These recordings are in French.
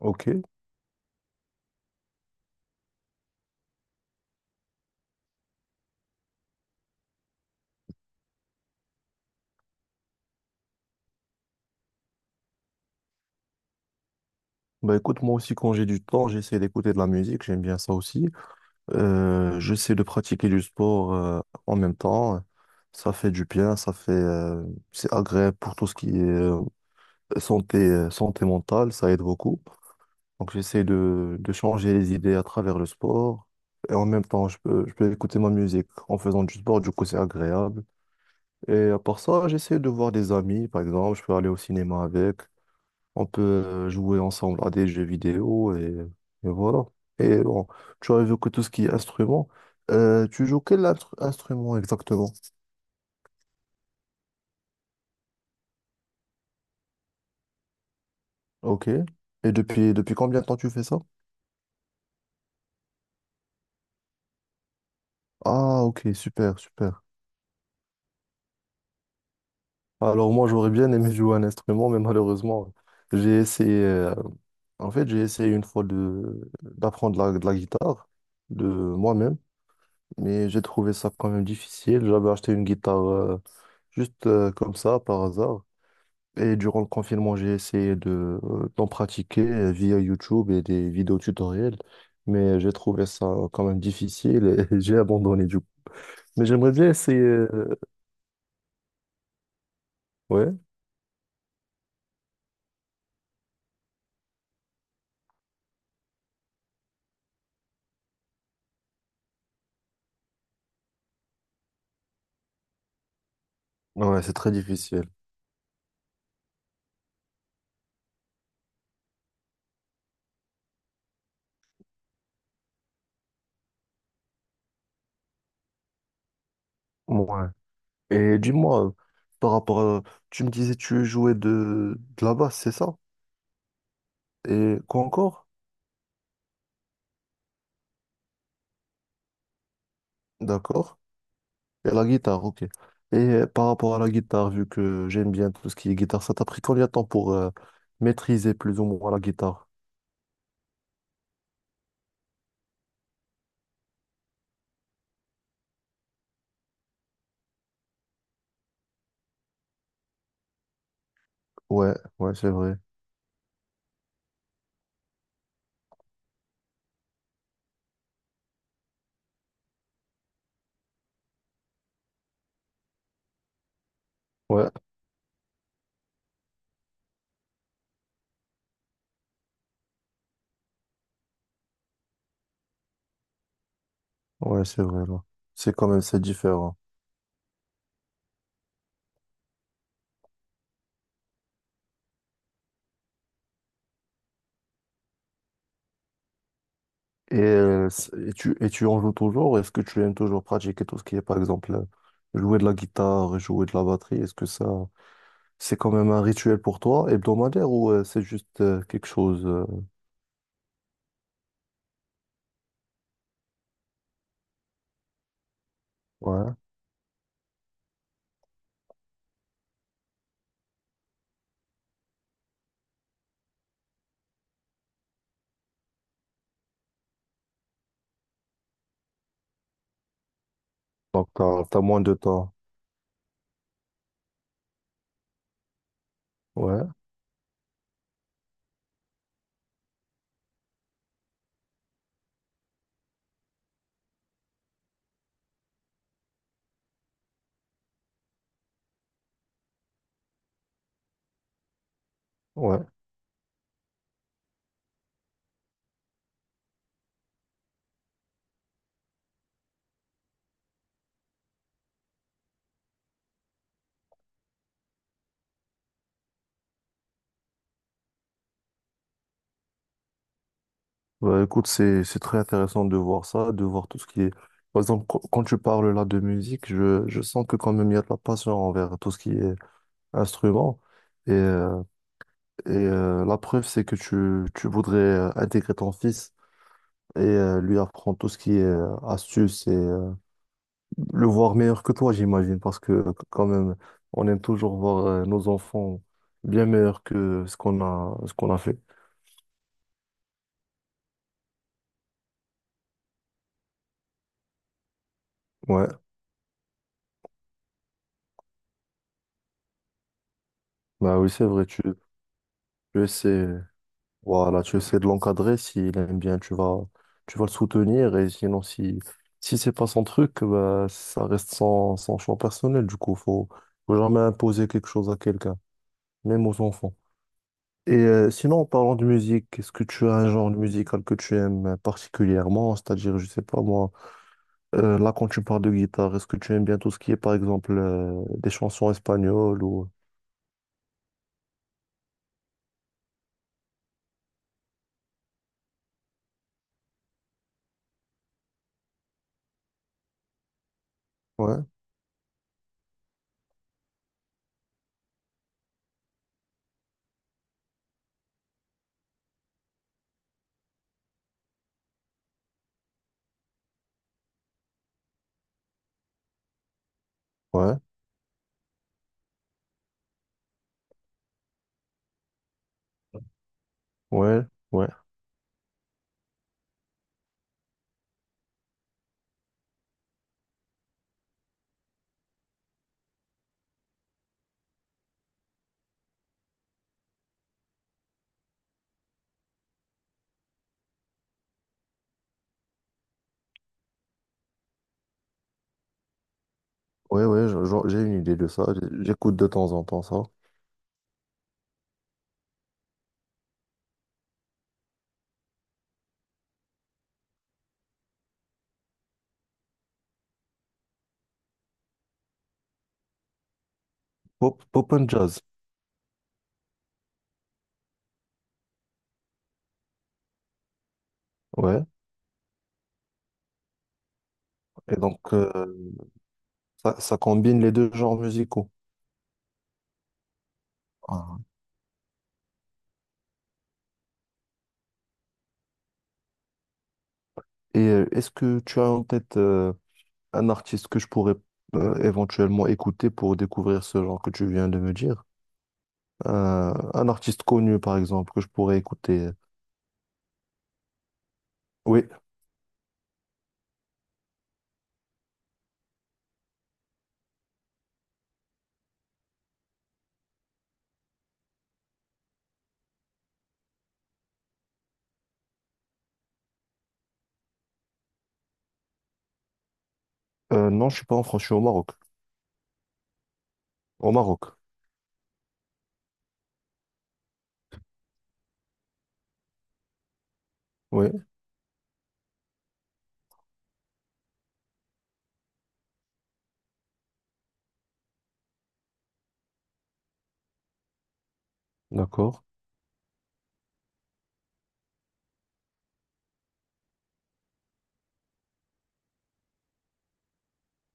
Ok. Bah écoute, moi aussi quand j'ai du temps, j'essaie d'écouter de la musique, j'aime bien ça aussi. J'essaie de pratiquer du sport en même temps. Ça fait du bien, ça fait c'est agréable pour tout ce qui est santé, santé mentale, ça aide beaucoup. Donc j'essaie de changer les idées à travers le sport. Et en même temps, je peux écouter ma musique en faisant du sport, du coup c'est agréable. Et à part ça, j'essaie de voir des amis, par exemple, je peux aller au cinéma avec. On peut jouer ensemble à des jeux vidéo et voilà. Et bon, tu as évoqué tout ce qui est instrument. Tu joues quel instrument exactement? Ok. Et depuis combien de temps tu fais ça? Ah, ok, super, super. Alors moi, j'aurais bien aimé jouer un instrument, mais malheureusement, j'ai essayé... en fait, j'ai essayé une fois de d'apprendre de la guitare de moi-même, mais j'ai trouvé ça quand même difficile. J'avais acheté une guitare juste comme ça, par hasard. Et durant le confinement, j'ai essayé de d'en pratiquer via YouTube et des vidéos tutoriels, mais j'ai trouvé ça quand même difficile et j'ai abandonné du coup. Mais j'aimerais bien essayer. Ouais, ouais, c'est très difficile. Ouais. Et dis-moi, par rapport à... Tu me disais tu jouais de la basse, c'est ça? Et quoi encore? D'accord. Et la guitare, ok. Et par rapport à la guitare, vu que j'aime bien tout ce qui est guitare, ça t'a pris combien de temps pour maîtriser plus ou moins la guitare? Ouais, ouais, c'est vrai. Ouais, ouais, c'est vrai, là. C'est quand même, c'est différent. Et tu en joues toujours? Est-ce que tu aimes toujours pratiquer tout ce qui est, par exemple, jouer de la guitare, jouer de la batterie? Est-ce que ça, c'est quand même un rituel pour toi, hebdomadaire, ou c'est juste quelque chose, ouais. Donc, t'as moins de temps. Ouais, ouais. Bah, écoute, c'est très intéressant de voir ça, de voir tout ce qui est, par exemple, quand tu parles là de musique, je sens que quand même il y a de la passion envers tout ce qui est instrument. Et, euh, et la preuve, c'est que tu voudrais intégrer ton fils et lui apprendre tout ce qui est astuce et le voir meilleur que toi, j'imagine, parce que quand même, on aime toujours voir nos enfants bien meilleurs que ce qu'on a fait. Ouais, bah oui, c'est vrai, tu essaies. Voilà, tu essaies de l'encadrer, s'il aime bien, tu vas le soutenir, et sinon, si, si c'est pas son truc, bah, ça reste son, son choix personnel, du coup, faut, faut jamais imposer quelque chose à quelqu'un, même aux enfants. Et sinon, en parlant de musique, est-ce que tu as un genre de musical que tu aimes particulièrement? C'est-à-dire, je sais pas moi, là, quand tu parles de guitare, est-ce que tu aimes bien tout ce qui est, par exemple, des chansons espagnoles ou... Ouais, ouais, ouais, ouais, ouais, ouais, j'ai une idée de ça, j'écoute de temps en temps ça. Pop, pop and jazz, ouais. Et donc, ça, ça combine les deux genres musicaux. Ah. Et est-ce que tu as en tête un artiste que je pourrais éventuellement écouter pour découvrir ce genre que tu viens de me dire? Un artiste connu, par exemple, que je pourrais écouter. Oui. Non, je suis pas en France, je suis au Maroc. Au Maroc, oui, d'accord.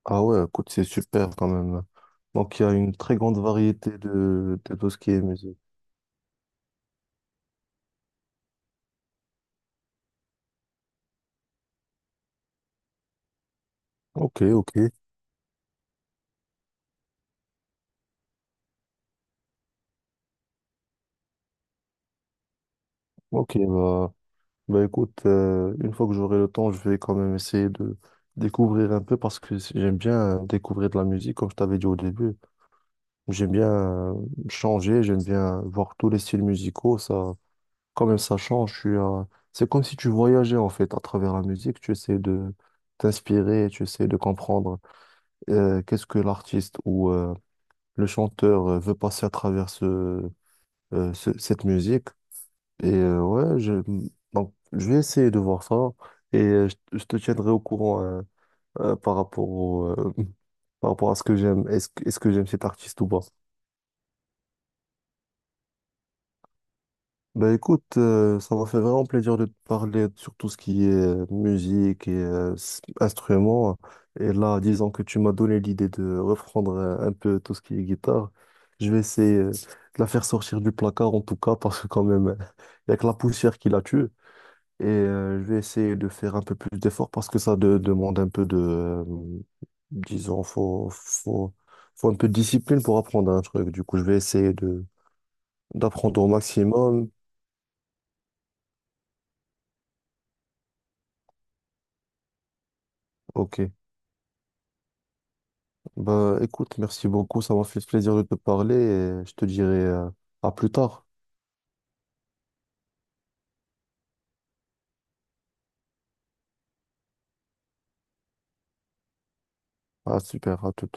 Ah ouais, écoute, c'est super quand même. Donc, il y a une très grande variété de tout ce qui est musique. Ok, ok, ok, bah. Bah écoute, une fois que j'aurai le temps, je vais quand même essayer de découvrir un peu parce que j'aime bien découvrir de la musique, comme je t'avais dit au début. J'aime bien changer, j'aime bien voir tous les styles musicaux. Ça, quand même, ça change. Je suis, c'est comme si tu voyageais en fait à travers la musique. Tu essaies de t'inspirer, tu essaies de comprendre qu'est-ce que l'artiste ou le chanteur veut passer à travers cette musique. Ouais, je... Donc, je vais essayer de voir ça et je te tiendrai au courant par rapport par rapport à ce que j'aime. Est-ce que j'aime cet artiste ou pas? Ben écoute, ça m'a fait vraiment plaisir de te parler sur tout ce qui est musique et instruments. Et là, disons que tu m'as donné l'idée de reprendre un peu tout ce qui est guitare. Je vais essayer de la faire sortir du placard en tout cas, parce que quand même, il n'y a que la poussière qui la tue. Et je vais essayer de faire un peu plus d'efforts parce que ça demande un peu disons, faut un peu de discipline pour apprendre un truc. Du coup, je vais essayer de d'apprendre au maximum. Ok. Bah, écoute, merci beaucoup. Ça m'a fait plaisir de te parler et je te dirai à plus tard. Ah, super, à tout.